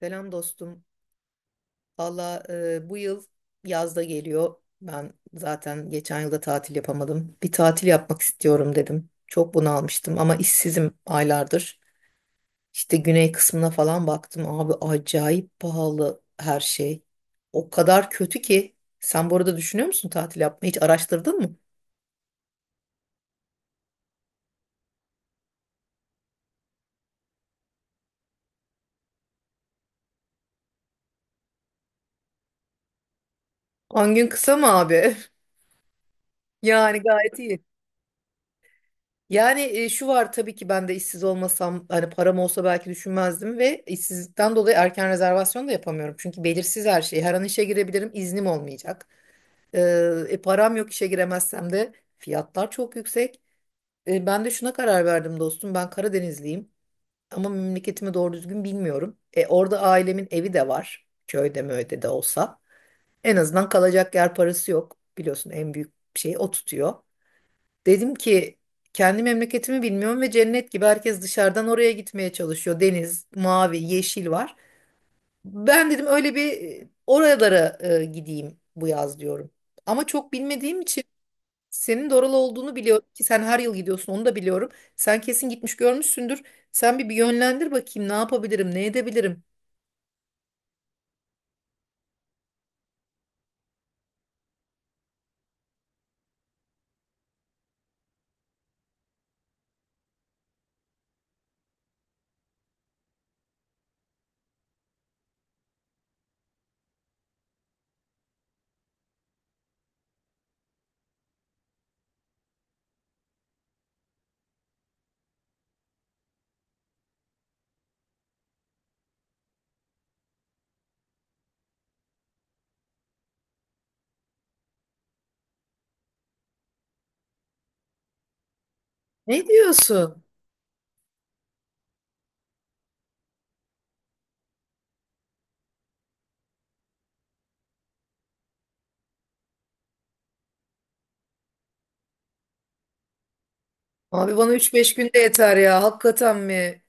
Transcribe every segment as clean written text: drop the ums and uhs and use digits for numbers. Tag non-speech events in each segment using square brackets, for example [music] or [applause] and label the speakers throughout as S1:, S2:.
S1: Selam dostum. Valla bu yıl yazda geliyor. Ben zaten geçen yılda tatil yapamadım. Bir tatil yapmak istiyorum dedim. Çok bunalmıştım ama işsizim aylardır. İşte güney kısmına falan baktım. Abi acayip pahalı her şey. O kadar kötü ki. Sen bu arada düşünüyor musun tatil yapmayı? Hiç araştırdın mı? On gün kısa mı abi? [laughs] Yani gayet iyi. Yani şu var tabii ki ben de işsiz olmasam hani param olsa belki düşünmezdim ve işsizlikten dolayı erken rezervasyon da yapamıyorum. Çünkü belirsiz her şey. Her an işe girebilirim, iznim olmayacak. Ee, Param yok işe giremezsem de fiyatlar çok yüksek. Ben de şuna karar verdim dostum. Ben Karadenizliyim ama memleketimi doğru düzgün bilmiyorum. Orada ailemin evi de var. Köyde mi öde de olsa. En azından kalacak yer parası yok. Biliyorsun en büyük şey o tutuyor. Dedim ki kendi memleketimi bilmiyorum ve cennet gibi herkes dışarıdan oraya gitmeye çalışıyor. Deniz, mavi, yeşil var. Ben dedim öyle bir oralara gideyim bu yaz diyorum. Ama çok bilmediğim için senin de oralı olduğunu biliyorum ki sen her yıl gidiyorsun onu da biliyorum. Sen kesin gitmiş görmüşsündür. Sen bir yönlendir bakayım ne yapabilirim, ne edebilirim. Ne diyorsun? Abi bana üç beş günde yeter ya. Hakikaten mi?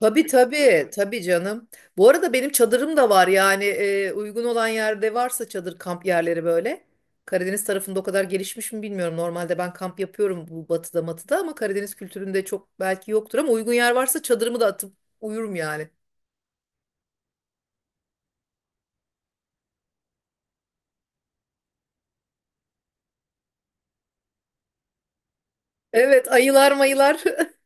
S1: Tabii, tabii, tabii canım. Bu arada benim çadırım da var yani uygun olan yerde varsa çadır kamp yerleri böyle. Karadeniz tarafında o kadar gelişmiş mi bilmiyorum. Normalde ben kamp yapıyorum bu batıda matıda ama Karadeniz kültüründe çok belki yoktur ama uygun yer varsa çadırımı da atıp uyurum yani. Evet, ayılar mayılar. [laughs]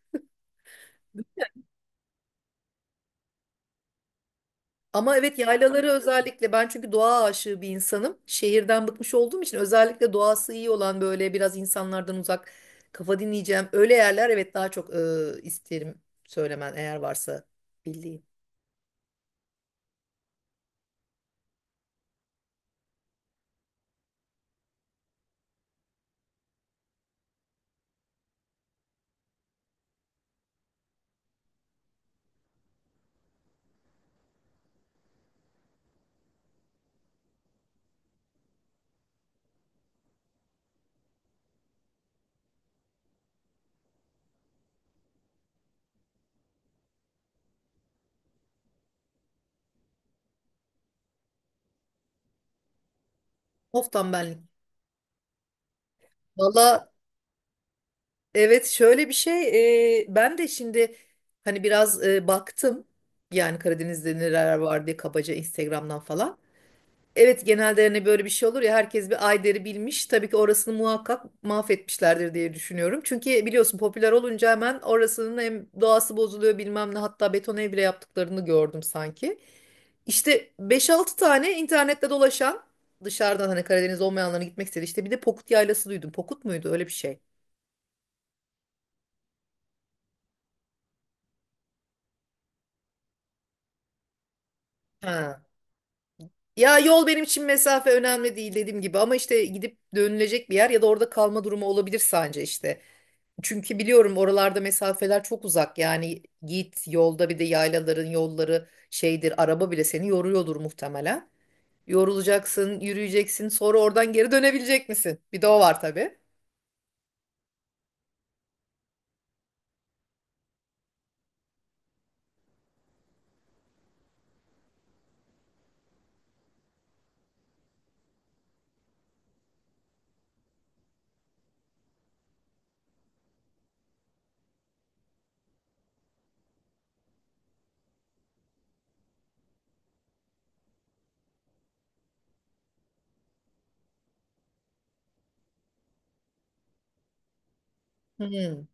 S1: Ama evet, yaylaları özellikle ben çünkü doğa aşığı bir insanım. Şehirden bıkmış olduğum için özellikle doğası iyi olan böyle biraz insanlardan uzak kafa dinleyeceğim. Öyle yerler, evet, daha çok isterim söylemen eğer varsa bildiğin. Of, tam benlik. Valla evet, şöyle bir şey, ben de şimdi hani biraz baktım yani Karadeniz'de neler var diye kabaca Instagram'dan falan. Evet, genelde hani böyle bir şey olur ya, herkes bir Ayder'i bilmiş. Tabii ki orasını muhakkak mahvetmişlerdir diye düşünüyorum. Çünkü biliyorsun, popüler olunca hemen orasının hem doğası bozuluyor bilmem ne, hatta beton ev bile yaptıklarını gördüm sanki. İşte beş altı tane internette dolaşan dışarıdan hani Karadeniz olmayanların gitmek istedi. İşte bir de Pokut Yaylası duydum. Pokut muydu öyle bir şey? Ha. Ya, yol benim için mesafe önemli değil dediğim gibi ama işte gidip dönülecek bir yer ya da orada kalma durumu olabilir sence işte. Çünkü biliyorum oralarda mesafeler çok uzak yani git yolda, bir de yaylaların yolları şeydir, araba bile seni yoruyordur muhtemelen. Yorulacaksın, yürüyeceksin, sonra oradan geri dönebilecek misin? Bir de o var tabii. Hmm.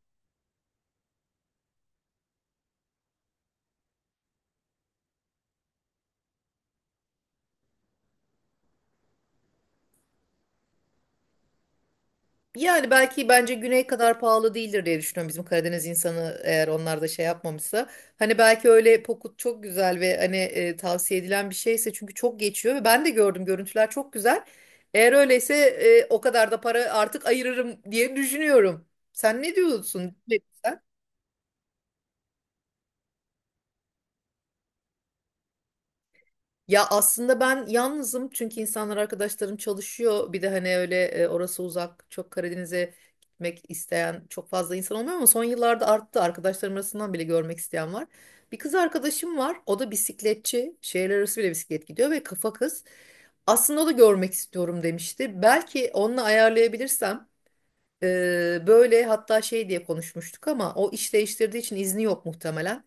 S1: Yani belki bence güney kadar pahalı değildir diye düşünüyorum bizim Karadeniz insanı eğer onlar da şey yapmamışsa. Hani belki öyle pokut çok güzel ve hani tavsiye edilen bir şeyse çünkü çok geçiyor ve ben de gördüm, görüntüler çok güzel. Eğer öyleyse o kadar da para artık ayırırım diye düşünüyorum. Sen ne diyorsun? Ya aslında ben yalnızım çünkü insanlar arkadaşlarım çalışıyor. Bir de hani öyle orası uzak, çok Karadeniz'e gitmek isteyen çok fazla insan olmuyor ama son yıllarda arttı. Arkadaşlarım arasından bile görmek isteyen var. Bir kız arkadaşım var. O da bisikletçi. Şehirler arası bile bisiklet gidiyor ve kafa kız. Aslında o da görmek istiyorum demişti. Belki onunla ayarlayabilirsem e, böyle hatta şey diye konuşmuştuk ama o iş değiştirdiği için izni yok muhtemelen.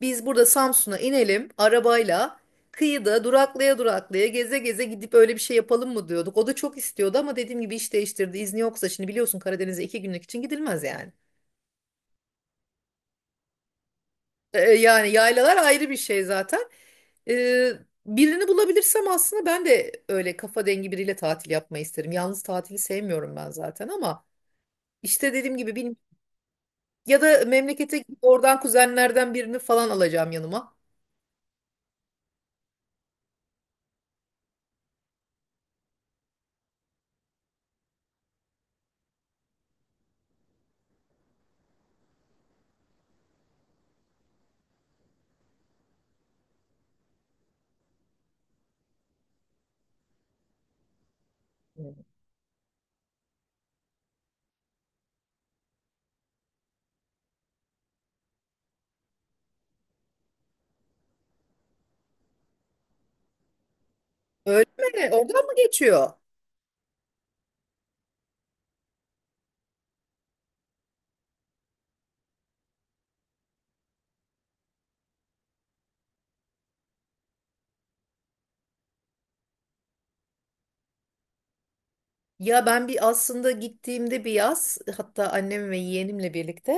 S1: Biz burada Samsun'a inelim arabayla. Kıyıda duraklaya duraklaya geze geze gidip öyle bir şey yapalım mı diyorduk. O da çok istiyordu ama dediğim gibi iş değiştirdi. İzni yoksa şimdi biliyorsun Karadeniz'e iki günlük için gidilmez yani. Yani yaylalar ayrı bir şey zaten. Ee, Birini bulabilirsem aslında ben de öyle kafa dengi biriyle tatil yapmayı isterim. Yalnız tatili sevmiyorum ben zaten ama işte dediğim gibi benim ya da memlekete gidip oradan kuzenlerden birini falan alacağım yanıma. Öyle mi? Oradan mı geçiyor? Ya ben bir aslında gittiğimde bir yaz hatta annem ve yeğenimle birlikte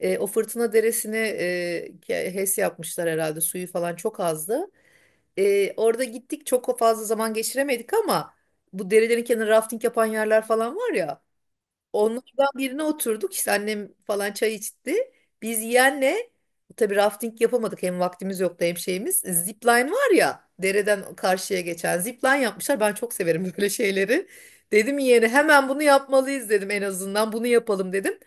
S1: o fırtına deresini HES yapmışlar herhalde, suyu falan çok azdı. Orada gittik, çok fazla zaman geçiremedik ama bu derelerin kenarı rafting yapan yerler falan var ya, onlardan birine oturduk, işte annem falan çay içti. Biz yeğenle tabii rafting yapamadık, hem vaktimiz yoktu hem şeyimiz. Zipline var ya, dereden karşıya geçen, zipline yapmışlar. Ben çok severim böyle şeyleri. Dedim yeğene hemen bunu yapmalıyız dedim, en azından bunu yapalım dedim,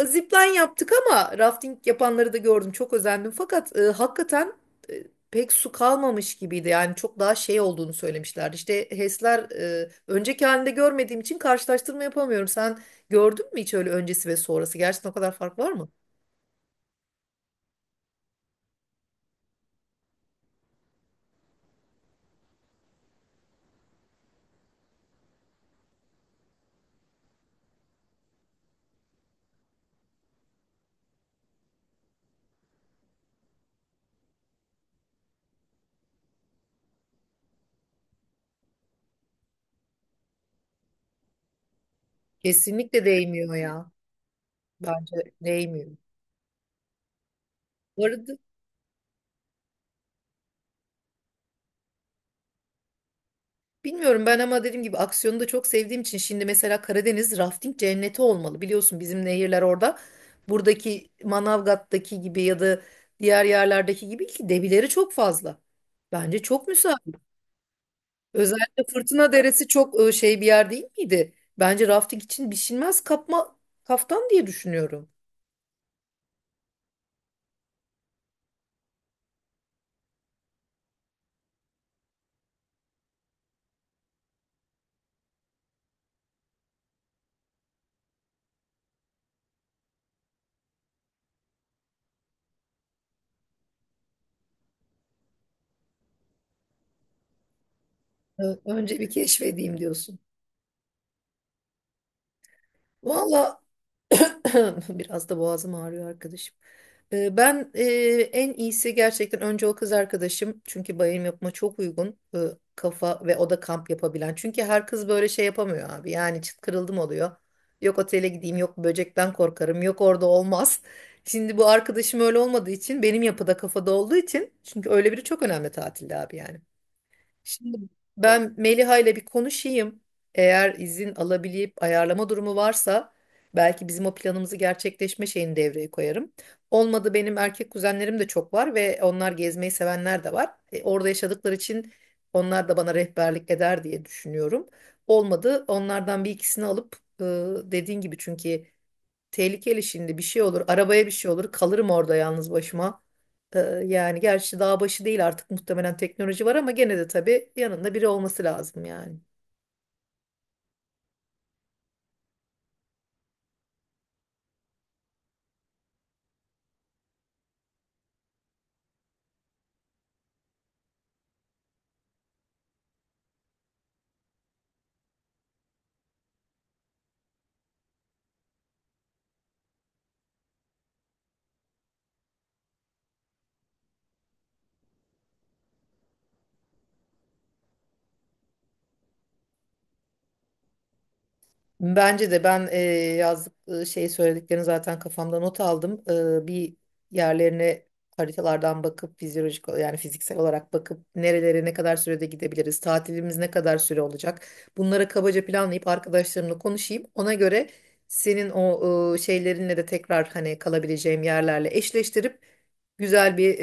S1: zipline yaptık ama rafting yapanları da gördüm. Çok özendim. Fakat hakikaten e, pek su kalmamış gibiydi. Yani çok daha şey olduğunu söylemişlerdi. İşte HES'ler önceki halinde görmediğim için karşılaştırma yapamıyorum. Sen gördün mü hiç öyle öncesi ve sonrası? Gerçekten o kadar fark var mı? Kesinlikle değmiyor ya. Bence değmiyor. Bu arada, bilmiyorum ben ama dediğim gibi aksiyonu da çok sevdiğim için şimdi mesela Karadeniz rafting cenneti olmalı. Biliyorsun bizim nehirler orada. Buradaki Manavgat'taki gibi ya da diğer yerlerdeki gibi ki debileri çok fazla. Bence çok müsait. Özellikle Fırtına Deresi çok şey bir yer değil miydi? Bence rafting için biçilmez kapma kaftan diye düşünüyorum. Önce bir keşfedeyim diyorsun. Valla [coughs] [laughs] biraz da boğazım ağrıyor arkadaşım. Ben, en iyisi gerçekten önce o kız arkadaşım çünkü bayım yapma çok uygun, kafa ve o da kamp yapabilen. Çünkü her kız böyle şey yapamıyor abi yani çıt kırıldım oluyor. Yok otele gideyim, yok böcekten korkarım, yok orada olmaz. [laughs] Şimdi bu arkadaşım öyle olmadığı için benim yapıda kafada olduğu için çünkü öyle biri çok önemli tatilde abi yani. Ben Meliha ile bir konuşayım. Eğer izin alabilip ayarlama durumu varsa belki bizim o planımızı gerçekleşme şeyini devreye koyarım. Olmadı, benim erkek kuzenlerim de çok var ve onlar gezmeyi sevenler de var. Orada yaşadıkları için onlar da bana rehberlik eder diye düşünüyorum. Olmadı onlardan bir ikisini alıp, dediğin gibi çünkü tehlikeli, şimdi bir şey olur. Arabaya bir şey olur. Kalırım orada yalnız başıma. Ee, Yani gerçi dağ başı değil artık, muhtemelen teknoloji var ama gene de tabii yanında biri olması lazım yani. Bence de ben, yazdık, şey söylediklerini zaten kafamda not aldım. Bir yerlerine haritalardan bakıp fizyolojik yani fiziksel olarak bakıp nerelere ne kadar sürede gidebiliriz, tatilimiz ne kadar süre olacak. Bunlara kabaca planlayıp arkadaşlarımla konuşayım. Ona göre senin o, şeylerinle de tekrar hani kalabileceğim yerlerle eşleştirip güzel bir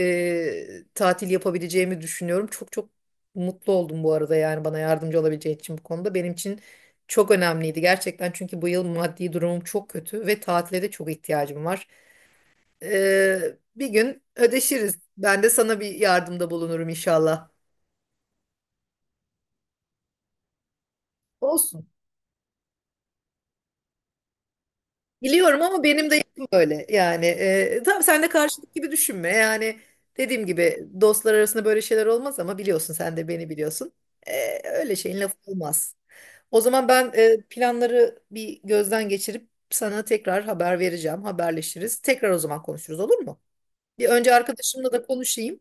S1: tatil yapabileceğimi düşünüyorum. Çok çok mutlu oldum bu arada, yani bana yardımcı olabileceğin için bu konuda. Benim için çok önemliydi gerçekten çünkü bu yıl maddi durumum çok kötü ve tatile de çok ihtiyacım var. Ee, Bir gün ödeşiriz. Ben de sana bir yardımda bulunurum inşallah. Olsun. Biliyorum ama benim de yapım böyle. Yani tamam, sen de karşılık gibi düşünme. Yani dediğim gibi dostlar arasında böyle şeyler olmaz ama biliyorsun, sen de beni biliyorsun. Öyle şeyin lafı olmaz. O zaman ben, planları bir gözden geçirip sana tekrar haber vereceğim. Haberleşiriz. Tekrar o zaman konuşuruz, olur mu? Bir önce arkadaşımla da konuşayım.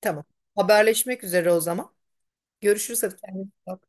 S1: Tamam. Haberleşmek üzere o zaman. Görüşürüz, hadi kendine iyi bak.